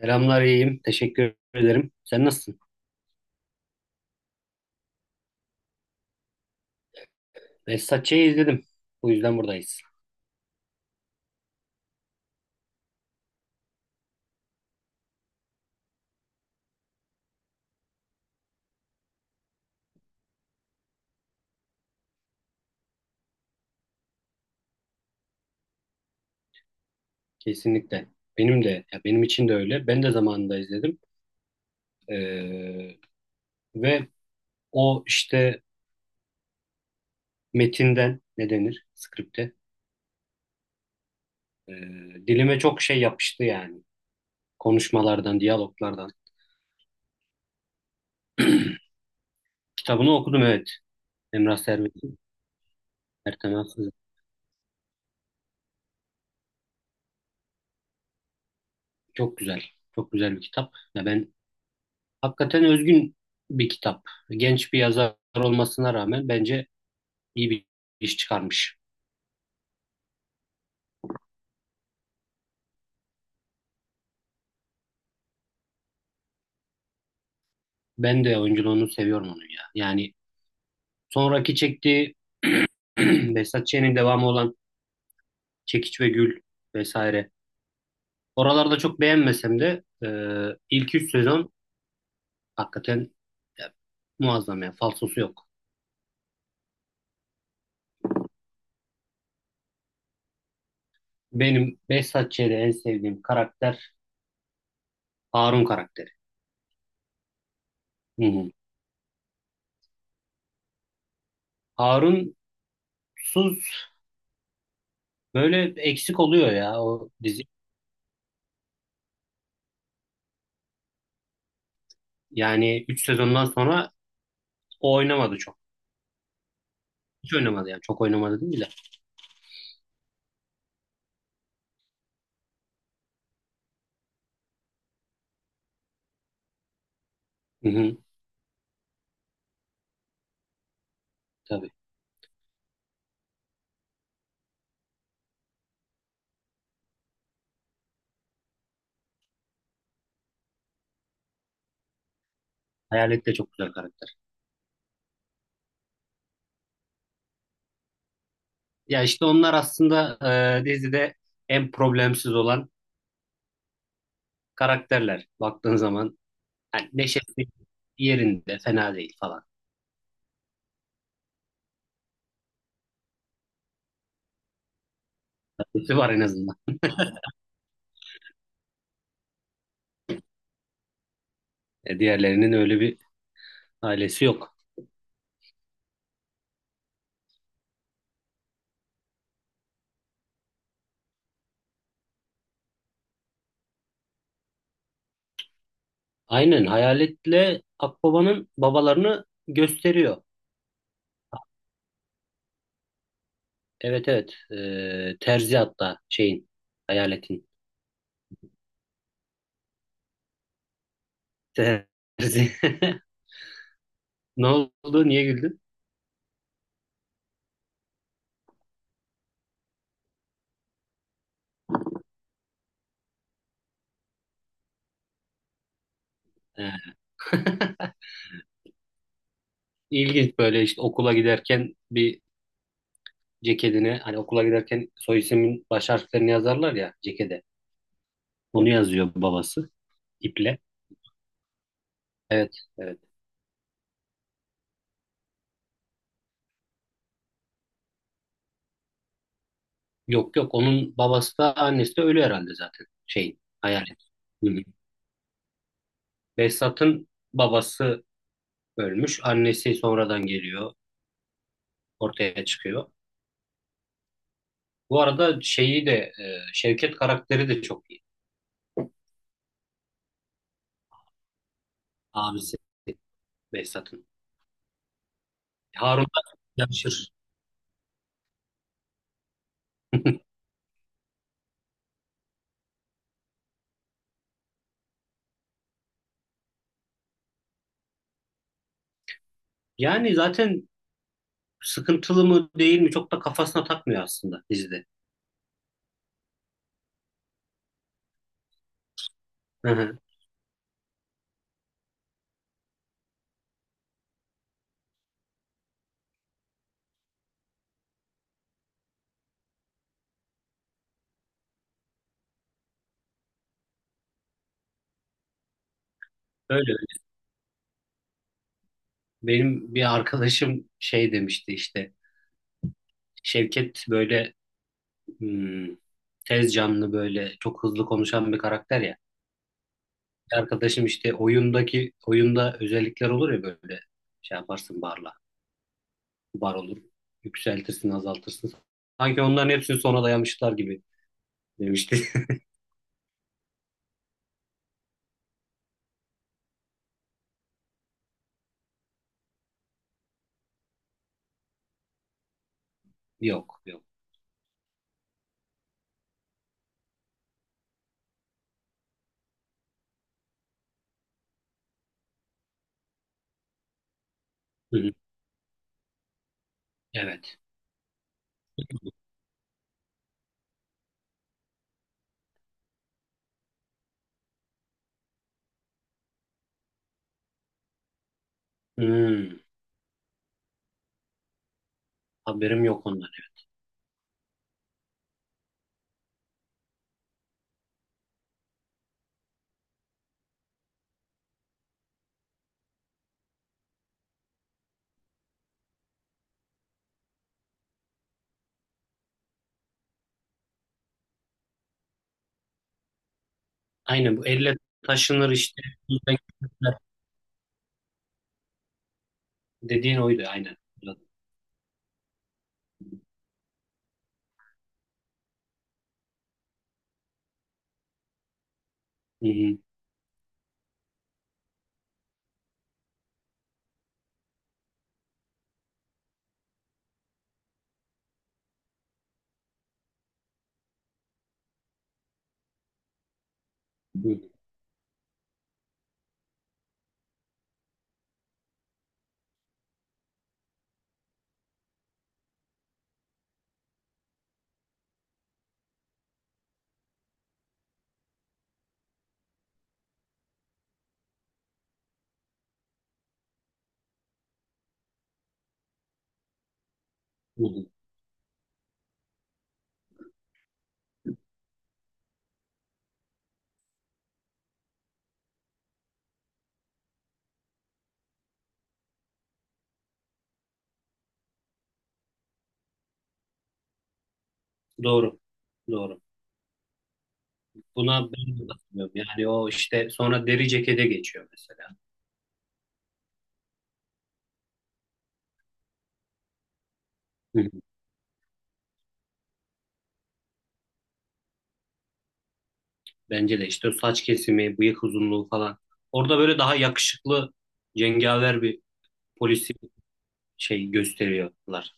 Selamlar, iyiyim. Teşekkür ederim. Sen nasılsın? Behzatçı'yı izledim. Bu yüzden buradayız. Kesinlikle. Benim de, ya benim için de öyle. Ben de zamanında izledim. Ee, ve o işte metinden ne denir? Skripte. Ee, dilime çok şey yapıştı yani. Konuşmalardan, diyaloglardan. Kitabını okudum, evet. Emrah Servet'in, Ertem Aksız'ın. Çok güzel. Çok güzel bir kitap. Ya ben hakikaten özgün bir kitap. Genç bir yazar olmasına rağmen bence iyi bir iş çıkarmış. Ben de oyunculuğunu seviyorum onun ya. Yani sonraki çektiği Behzat Ç'nin devamı olan Çekiç ve Gül vesaire. Oralarda çok beğenmesem de ilk 3 sezon hakikaten ya, muazzam ya. Falsosu yok. Benim Behzat Ç'de en sevdiğim karakter Harun karakteri. Hı hı. Harunsuz böyle eksik oluyor ya o dizi. Yani 3 sezondan sonra o oynamadı çok. Hiç oynamadı yani. Çok oynamadı değil mi de. Hı hı. Tabii. Hayalet de çok güzel karakter. Ya işte onlar aslında dizide en problemsiz olan karakterler. Baktığın zaman hani neşesi yerinde, fena değil falan. Nesi var en azından. Diğerlerinin öyle bir ailesi yok. Aynen, Hayalet'le Akbaba'nın babalarını gösteriyor. Evet, evet. Terzi hatta şeyin, Hayalet'in. Terzi. Ne oldu? Niye güldün? E. İlginç, böyle işte okula giderken bir ceketine, hani okula giderken soy ismin baş harflerini yazarlar ya cekete. Onu yazıyor babası iple. Evet, evet. Yok, yok, onun babası da annesi de ölü herhalde zaten şeyin hayal. Hı hı. Behzat'ın babası ölmüş. Annesi sonradan geliyor. Ortaya çıkıyor. Bu arada şeyi de, Şevket karakteri de çok iyi. Abisi Behzat'ın. Harun'la yarışır. Yani zaten sıkıntılı mı değil mi çok da kafasına takmıyor aslında dizide. Öyle. Benim bir arkadaşım şey demişti işte. Şevket böyle hmm, tez canlı, böyle çok hızlı konuşan bir karakter ya. Bir arkadaşım işte oyundaki, oyunda özellikler olur ya böyle, şey yaparsın barla. Bar olur. Yükseltirsin, azaltırsın. Sanki onların hepsini sona dayamışlar gibi demişti. Yok, yok. Hı hı, evet. Hmm, haberim yok ondan. Aynen, bu elle taşınır işte. Dediğin oydu, aynen. Hı hı, hı hı. Doğru. Doğru. Buna ben de katılıyorum. Yani o işte sonra deri cekete geçiyor mesela. Hı hı. Bence de işte o saç kesimi, bıyık uzunluğu falan. Orada böyle daha yakışıklı, cengaver bir polisi şey gösteriyorlar.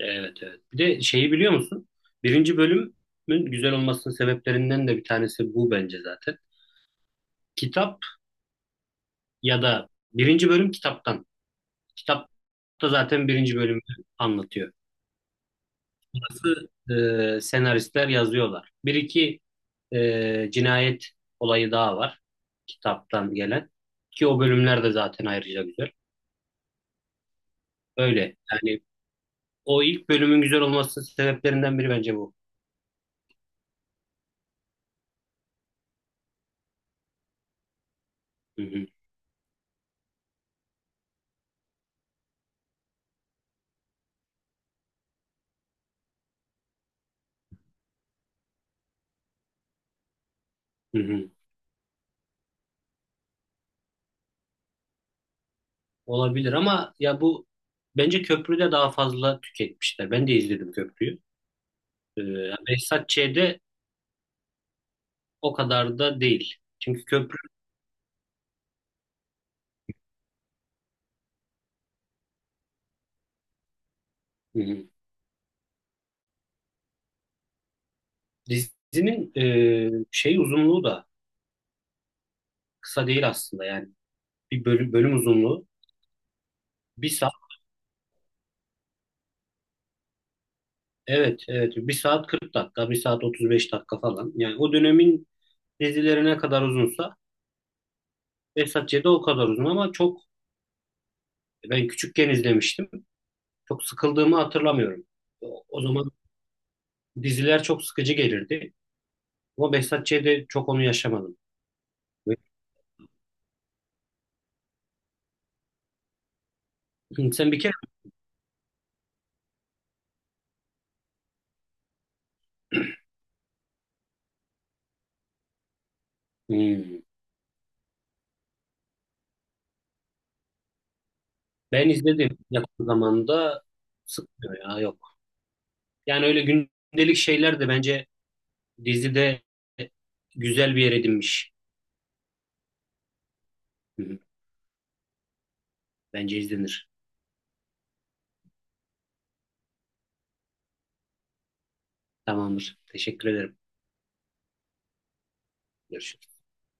Evet, evet. Bir de şeyi biliyor musun? Birinci bölümün güzel olmasının sebeplerinden de bir tanesi bu bence, zaten. Kitap ya da birinci bölüm kitaptan. Kitap da zaten birinci bölümü anlatıyor. Nasıl senaristler yazıyorlar. Bir iki cinayet olayı daha var, kitaptan gelen. Ki o bölümler de zaten ayrıca güzel. Öyle. Yani o ilk bölümün güzel olmasının sebeplerinden biri bence bu. Hı hı, hı hı. Olabilir ama ya bu, bence köprüde daha fazla tüketmişler. Ben de izledim köprüyü. Ee, Behzat Ç'de o kadar da değil. Çünkü köprü... Hı hı. Dizinin şey uzunluğu da kısa değil aslında yani. Bölüm uzunluğu bir... Evet, evet. 1 saat 40 dakika, 1 saat 35 dakika falan. Yani o dönemin dizileri ne kadar uzunsa Behzat Ç'de o kadar uzun ama çok, ben küçükken izlemiştim. Çok sıkıldığımı hatırlamıyorum. O zaman diziler çok sıkıcı gelirdi. Ama Behzat Ç'de çok onu yaşamadım. Ve- Sen bir kere... Hmm, ben izledim yakın zamanda, sıkmıyor ya, yok. Yani öyle gündelik şeyler de bence dizide güzel bir yer edinmiş. Hı hı. Bence izlenir. Tamamdır. Teşekkür ederim. Görüşürüz.